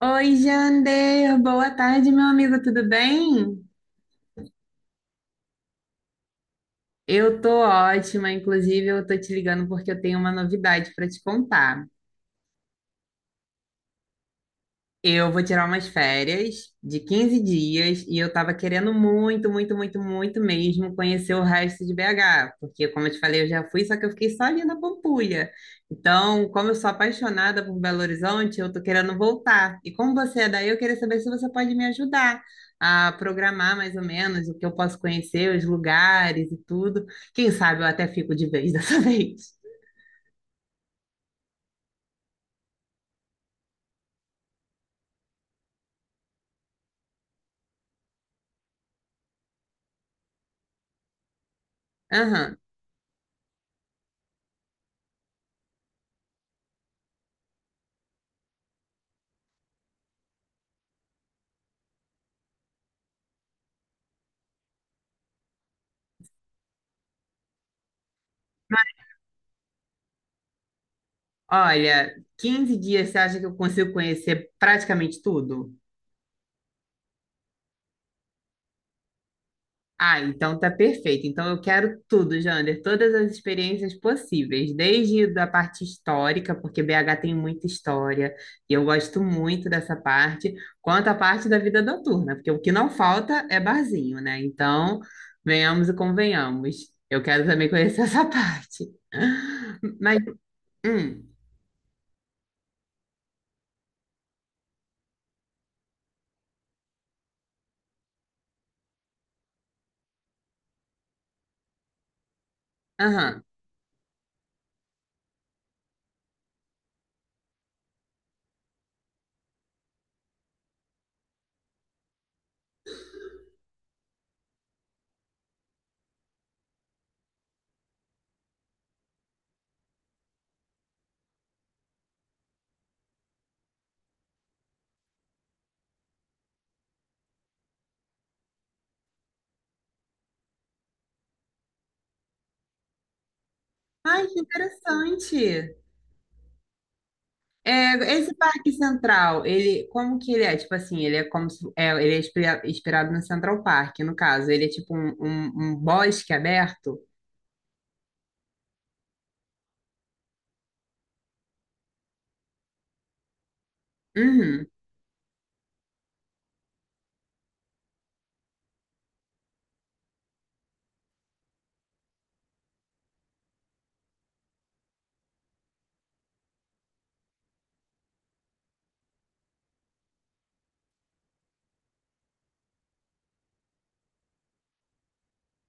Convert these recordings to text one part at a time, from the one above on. Oi, Jander, boa tarde, meu amigo, tudo bem? Eu tô ótima, inclusive eu tô te ligando porque eu tenho uma novidade para te contar. Eu vou tirar umas férias de 15 dias e eu tava querendo muito, muito, muito, muito mesmo conhecer o resto de BH, porque como eu te falei, eu já fui, só que eu fiquei só ali na Pampulha. Então, como eu sou apaixonada por Belo Horizonte, eu tô querendo voltar. E como você é daí, eu queria saber se você pode me ajudar a programar mais ou menos o que eu posso conhecer, os lugares e tudo. Quem sabe eu até fico de vez dessa vez. Aham. Olha, 15 dias você acha que eu consigo conhecer praticamente tudo? Ah, então tá perfeito. Então eu quero tudo, Jander, todas as experiências possíveis, desde da parte histórica, porque BH tem muita história e eu gosto muito dessa parte, quanto à parte da vida noturna, porque o que não falta é barzinho, né? Então, venhamos e convenhamos. Eu quero também conhecer essa parte. Mas, hum, aham. Ai, que interessante. É, esse Parque Central, ele, como que ele é? Tipo assim, ele é como se, ele é inspirado no Central Park, no caso. Ele é tipo um bosque aberto. Uhum.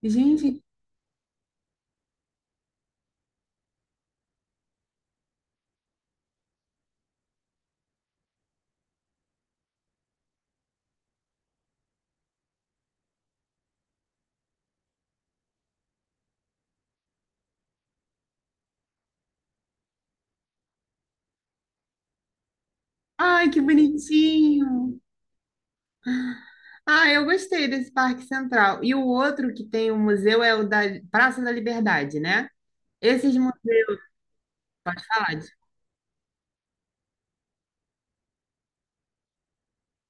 Gente, ai, que bonitinho. Ah, eu gostei desse Parque Central. E o outro que tem o museu é o da Praça da Liberdade, né? Esses museus, pode falar?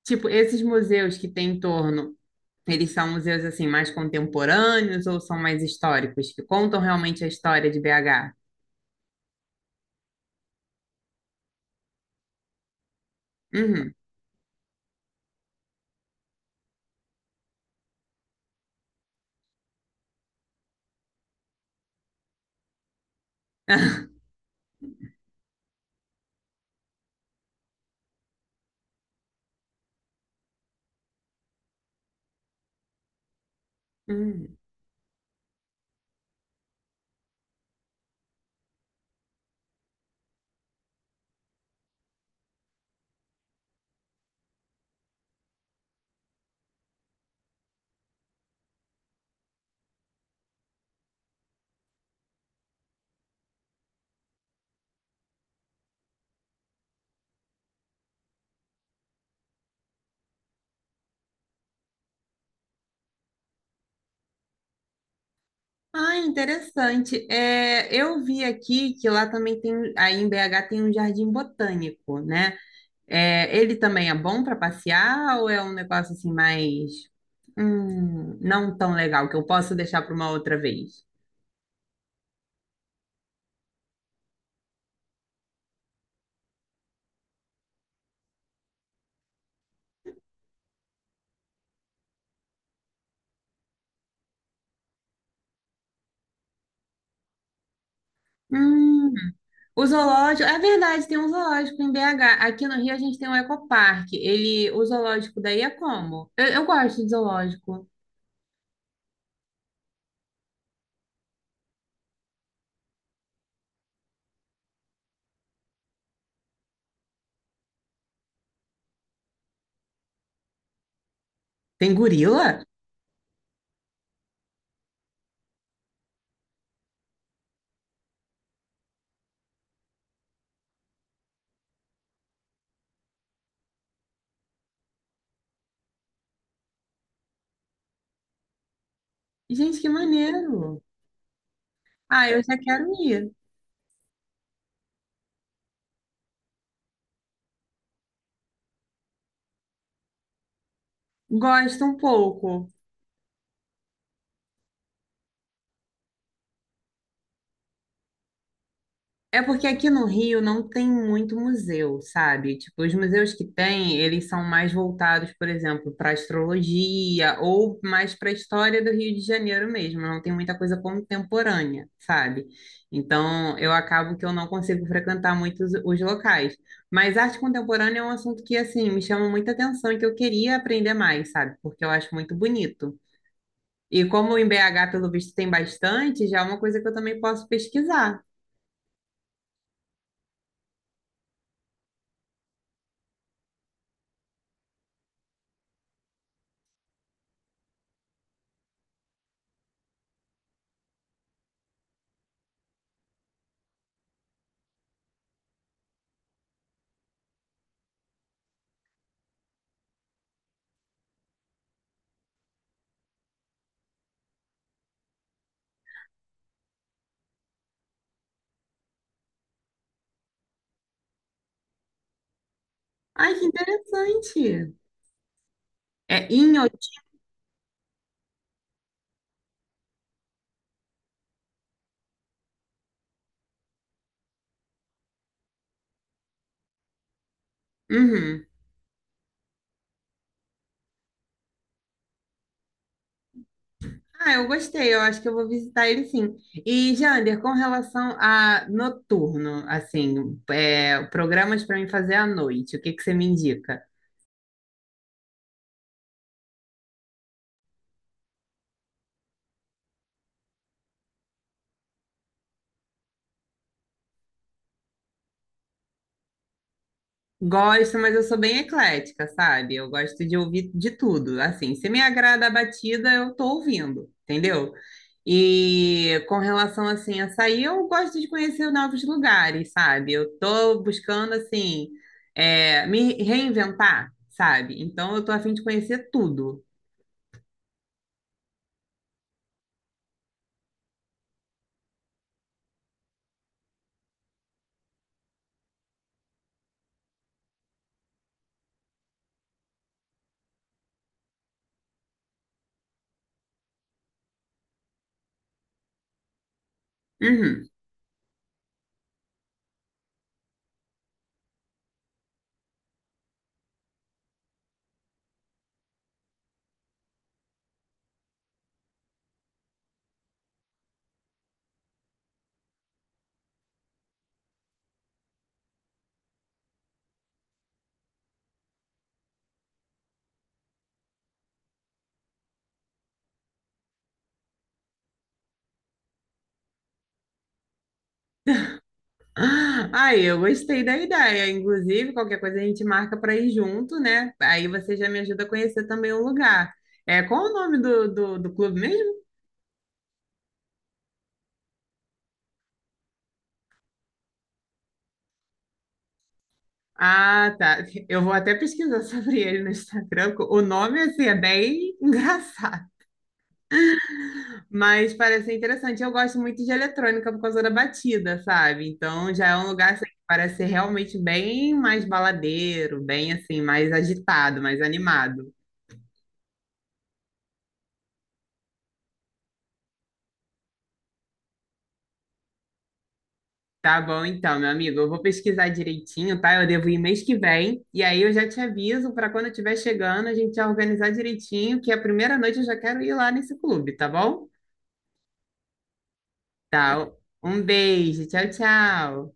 Tipo, esses museus que tem em torno, eles são museus assim mais contemporâneos ou são mais históricos, que contam realmente a história de BH? Uhum. Hum. Ah, interessante. É, eu vi aqui que lá também tem, aí em BH tem um jardim botânico, né? É, ele também é bom para passear ou é um negócio assim mais, não tão legal que eu posso deixar para uma outra vez? Hum, O zoológico, é verdade, tem um zoológico em BH. Aqui no Rio a gente tem um ecoparque. Ele, o zoológico daí é como? Eu gosto de zoológico. Tem gorila? Gente, que maneiro. Ah, eu já quero ir. Gosto um pouco. É porque aqui no Rio não tem muito museu, sabe? Tipo, os museus que tem, eles são mais voltados, por exemplo, para astrologia ou mais para a história do Rio de Janeiro mesmo. Não tem muita coisa contemporânea, sabe? Então, eu acabo que eu não consigo frequentar muitos os locais. Mas arte contemporânea é um assunto que, assim, me chama muita atenção e que eu queria aprender mais, sabe? Porque eu acho muito bonito. E como em BH, pelo visto, tem bastante, já é uma coisa que eu também posso pesquisar. Ai, que interessante. É Inhotim. Uhum. Ah, eu gostei. Eu acho que eu vou visitar ele sim. E, Jander, com relação a noturno, assim, programas para mim fazer à noite, o que que você me indica? Gosto, mas eu sou bem eclética, sabe? Eu gosto de ouvir de tudo. Assim, se me agrada a batida, eu tô ouvindo, entendeu? E com relação assim a sair, eu gosto de conhecer novos lugares, sabe? Eu tô buscando assim me reinventar, sabe? Então eu tô a fim de conhecer tudo. Uhum. Aí, eu gostei da ideia. Inclusive, qualquer coisa a gente marca para ir junto, né? Aí você já me ajuda a conhecer também o lugar. É, qual o nome do clube mesmo? Ah, tá. Eu vou até pesquisar sobre ele no Instagram. O nome, assim, é bem engraçado, mas parece ser interessante. Eu gosto muito de eletrônica por causa da batida, sabe? Então já é um lugar assim, que parece ser realmente bem mais baladeiro, bem assim, mais agitado, mais animado. Tá bom, então, meu amigo, eu vou pesquisar direitinho, tá? Eu devo ir mês que vem, e aí eu já te aviso para quando eu estiver chegando, a gente já organizar direitinho, que a primeira noite eu já quero ir lá nesse clube, tá bom? Tá. Um beijo. Tchau, tchau.